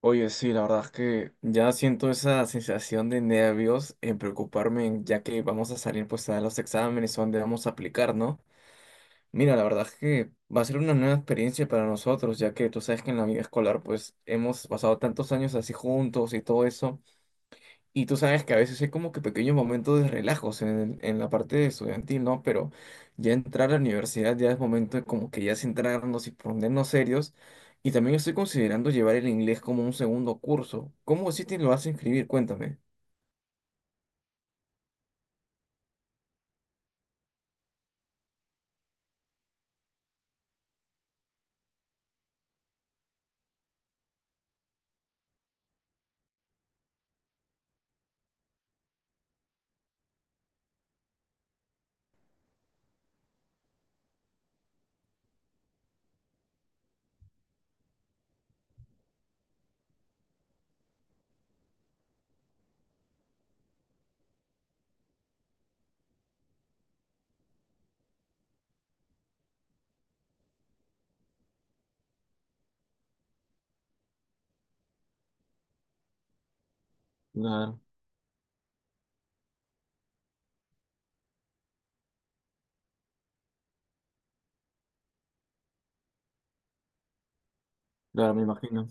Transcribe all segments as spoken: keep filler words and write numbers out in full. Oye, sí, la verdad es que ya siento esa sensación de nervios en preocuparme, en- ya que vamos a salir pues a dar los exámenes o donde vamos a aplicar, ¿no? Mira, la verdad es que va a ser una nueva experiencia para nosotros, ya que tú sabes que en la vida escolar pues hemos pasado tantos años así juntos y todo eso, y tú sabes que a veces hay como que pequeños momentos de relajos en, en la parte estudiantil, ¿no? Pero ya entrar a la universidad ya es momento de como que ya centrarnos y ponernos serios. Y también estoy considerando llevar el inglés como un segundo curso. ¿Cómo si te lo vas a inscribir? Cuéntame. Claro, claro, me imagino.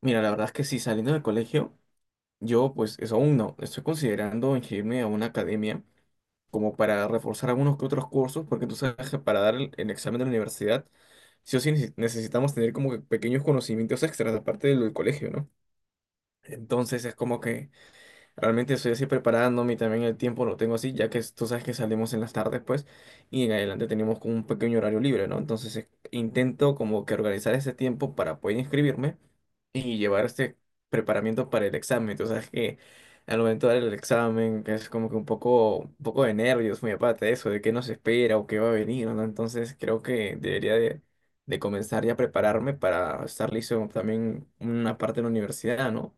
Mira, la verdad es que sí, saliendo del colegio, yo pues eso aún no. Estoy considerando inscribirme a una academia como para reforzar algunos que otros cursos, porque tú sabes que para dar el, el examen de la universidad, sí o sí neces- necesitamos tener como que pequeños conocimientos extras, aparte de lo del colegio, ¿no? Entonces es como que realmente estoy así preparándome y también el tiempo lo tengo así, ya que es- tú sabes que salimos en las tardes, pues, y en adelante tenemos como un pequeño horario libre, ¿no? Entonces eh, intento como que organizar ese tiempo para poder inscribirme y llevar este preparamiento para el examen. Tú sabes que al momento de dar el examen que es como que un poco, un poco de nervios, muy aparte de eso, de qué nos espera o qué va a venir, ¿no? Entonces creo que debería de, de comenzar ya a prepararme para estar listo también una parte de la universidad, ¿no?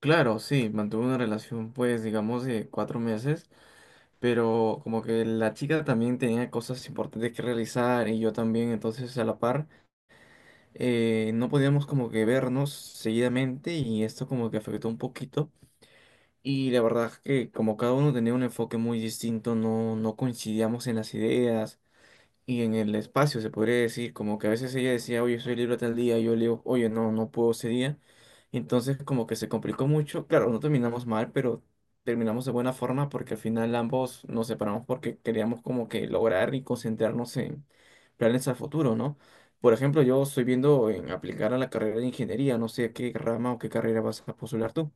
Claro, sí, mantuve una relación, pues, digamos, de cuatro meses, pero como que la chica también tenía cosas importantes que realizar y yo también, entonces a la par. Eh, no podíamos como que vernos seguidamente y esto como que afectó un poquito. Y la verdad es que como cada uno tenía un enfoque muy distinto, no, no coincidíamos en las ideas y en el espacio, se podría decir, como que a veces ella decía: "Oye, soy libre tal día", y yo le digo: "Oye, no, no puedo ese día". Y entonces como que se complicó mucho, claro, no terminamos mal, pero terminamos de buena forma porque al final ambos nos separamos porque queríamos como que lograr y concentrarnos en planes a futuro, ¿no? Por ejemplo, yo estoy viendo en aplicar a la carrera de ingeniería, no sé qué rama o qué carrera vas a postular tú.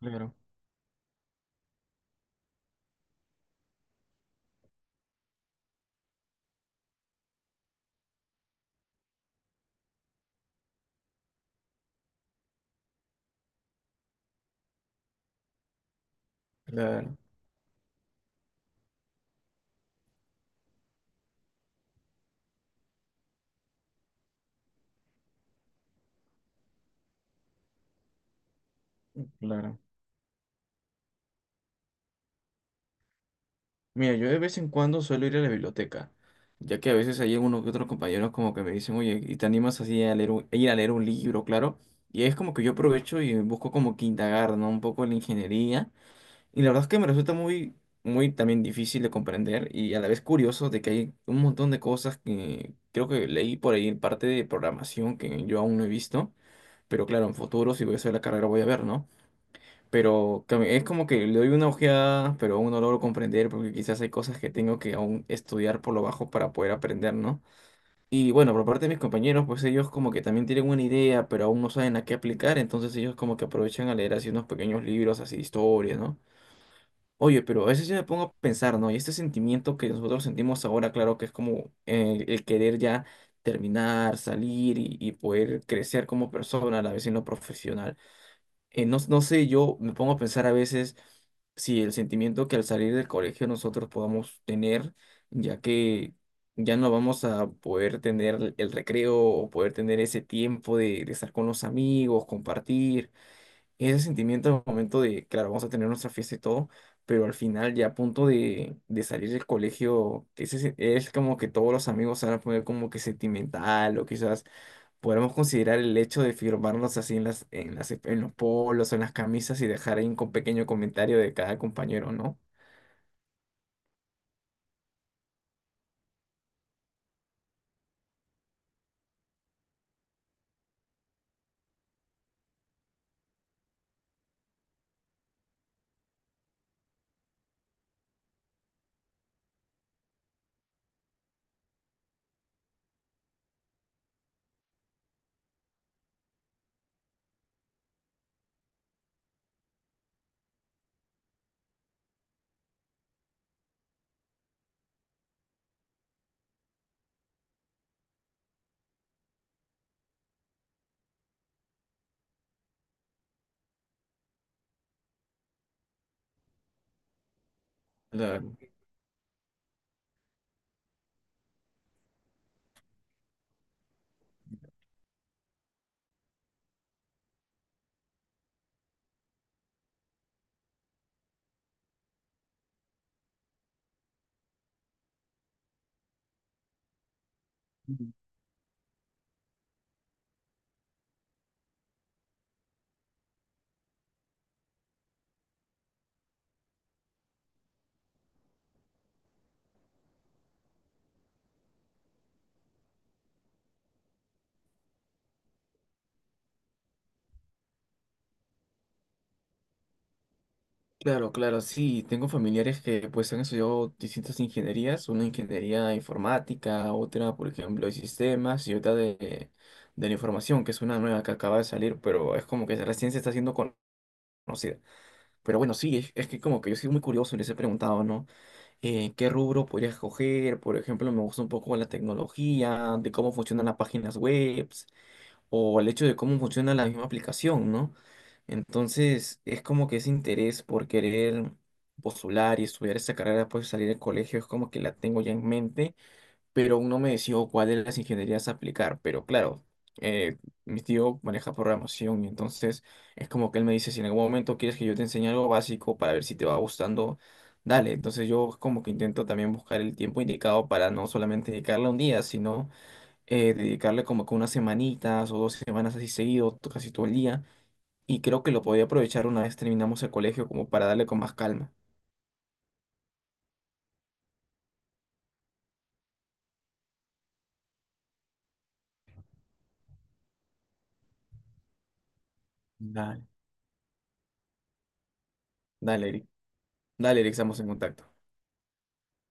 Claro. Claro, claro. Mira, yo de vez en cuando suelo ir a la biblioteca, ya que a veces hay uno que otros compañeros como que me dicen: "Oye, ¿y te animas así a leer un- a ir a leer un libro, claro?". Y es como que yo aprovecho y busco como que indagar, ¿no? Un poco en la ingeniería. Y la verdad es que me resulta muy, muy también difícil de comprender y a la vez curioso de que hay un montón de cosas que creo que leí por ahí en parte de programación que yo aún no he visto, pero claro, en futuro si voy a hacer la carrera voy a ver, ¿no? Pero cam- es como que le doy una ojeada, pero aún no logro comprender porque quizás hay cosas que tengo que aún estudiar por lo bajo para poder aprender, ¿no? Y bueno, por parte de mis compañeros, pues ellos como que también tienen una idea, pero aún no saben a qué aplicar, entonces ellos como que aprovechan a leer así unos pequeños libros, así historias, ¿no? Oye, pero a veces yo me pongo a pensar, ¿no? Y este sentimiento que nosotros sentimos ahora, claro que es como eh, el, querer ya terminar, salir y, y poder crecer como persona, a la vez en lo profesional eh, no, no sé, yo me pongo a pensar a veces si el sentimiento que al salir del colegio nosotros podamos tener, ya que ya no vamos a poder tener el recreo o poder tener ese tiempo de, de estar con los amigos, compartir, ese sentimiento al momento de, claro, vamos a tener nuestra fiesta y todo, pero al final ya a punto de, de salir del colegio, ese, se- es como que todos los amigos se van a poner como que sentimental o quizás podemos considerar el hecho de firmarnos así en las, en las, en los polos o en las camisas y dejar ahí un co- pequeño comentario de cada compañero, ¿no? Claro, claro, claro, sí, tengo familiares que pues han estudiado distintas ingenierías, una ingeniería informática, otra, por ejemplo, de sistemas y otra de, de la información, que es una nueva que acaba de salir, pero es como que la ciencia está siendo con- conocida. Pero bueno, sí, es, es que como que yo soy muy curioso y les he preguntado, ¿no? Eh, ¿qué rubro podría escoger? Por ejemplo, me gusta un poco la tecnología, de cómo funcionan las páginas web o el hecho de cómo funciona la misma aplicación, ¿no? Entonces, es como que ese interés por querer postular y estudiar esa carrera después de salir del colegio es como que la tengo ya en mente, pero aún no me decido cuál de las ingenierías aplicar. Pero claro, eh, mi tío maneja programación y entonces es como que él me dice: "Si en algún momento quieres que yo te enseñe algo básico para ver si te va gustando, dale". Entonces yo como que intento también buscar el tiempo indicado para no solamente dedicarle un día, sino eh, dedicarle como que unas semanitas o dos semanas así seguido, to- casi todo el día. Y creo que lo podía aprovechar una vez terminamos el colegio como para darle con más calma. Dale. Dale, Eric. Dale, Eric, estamos en contacto.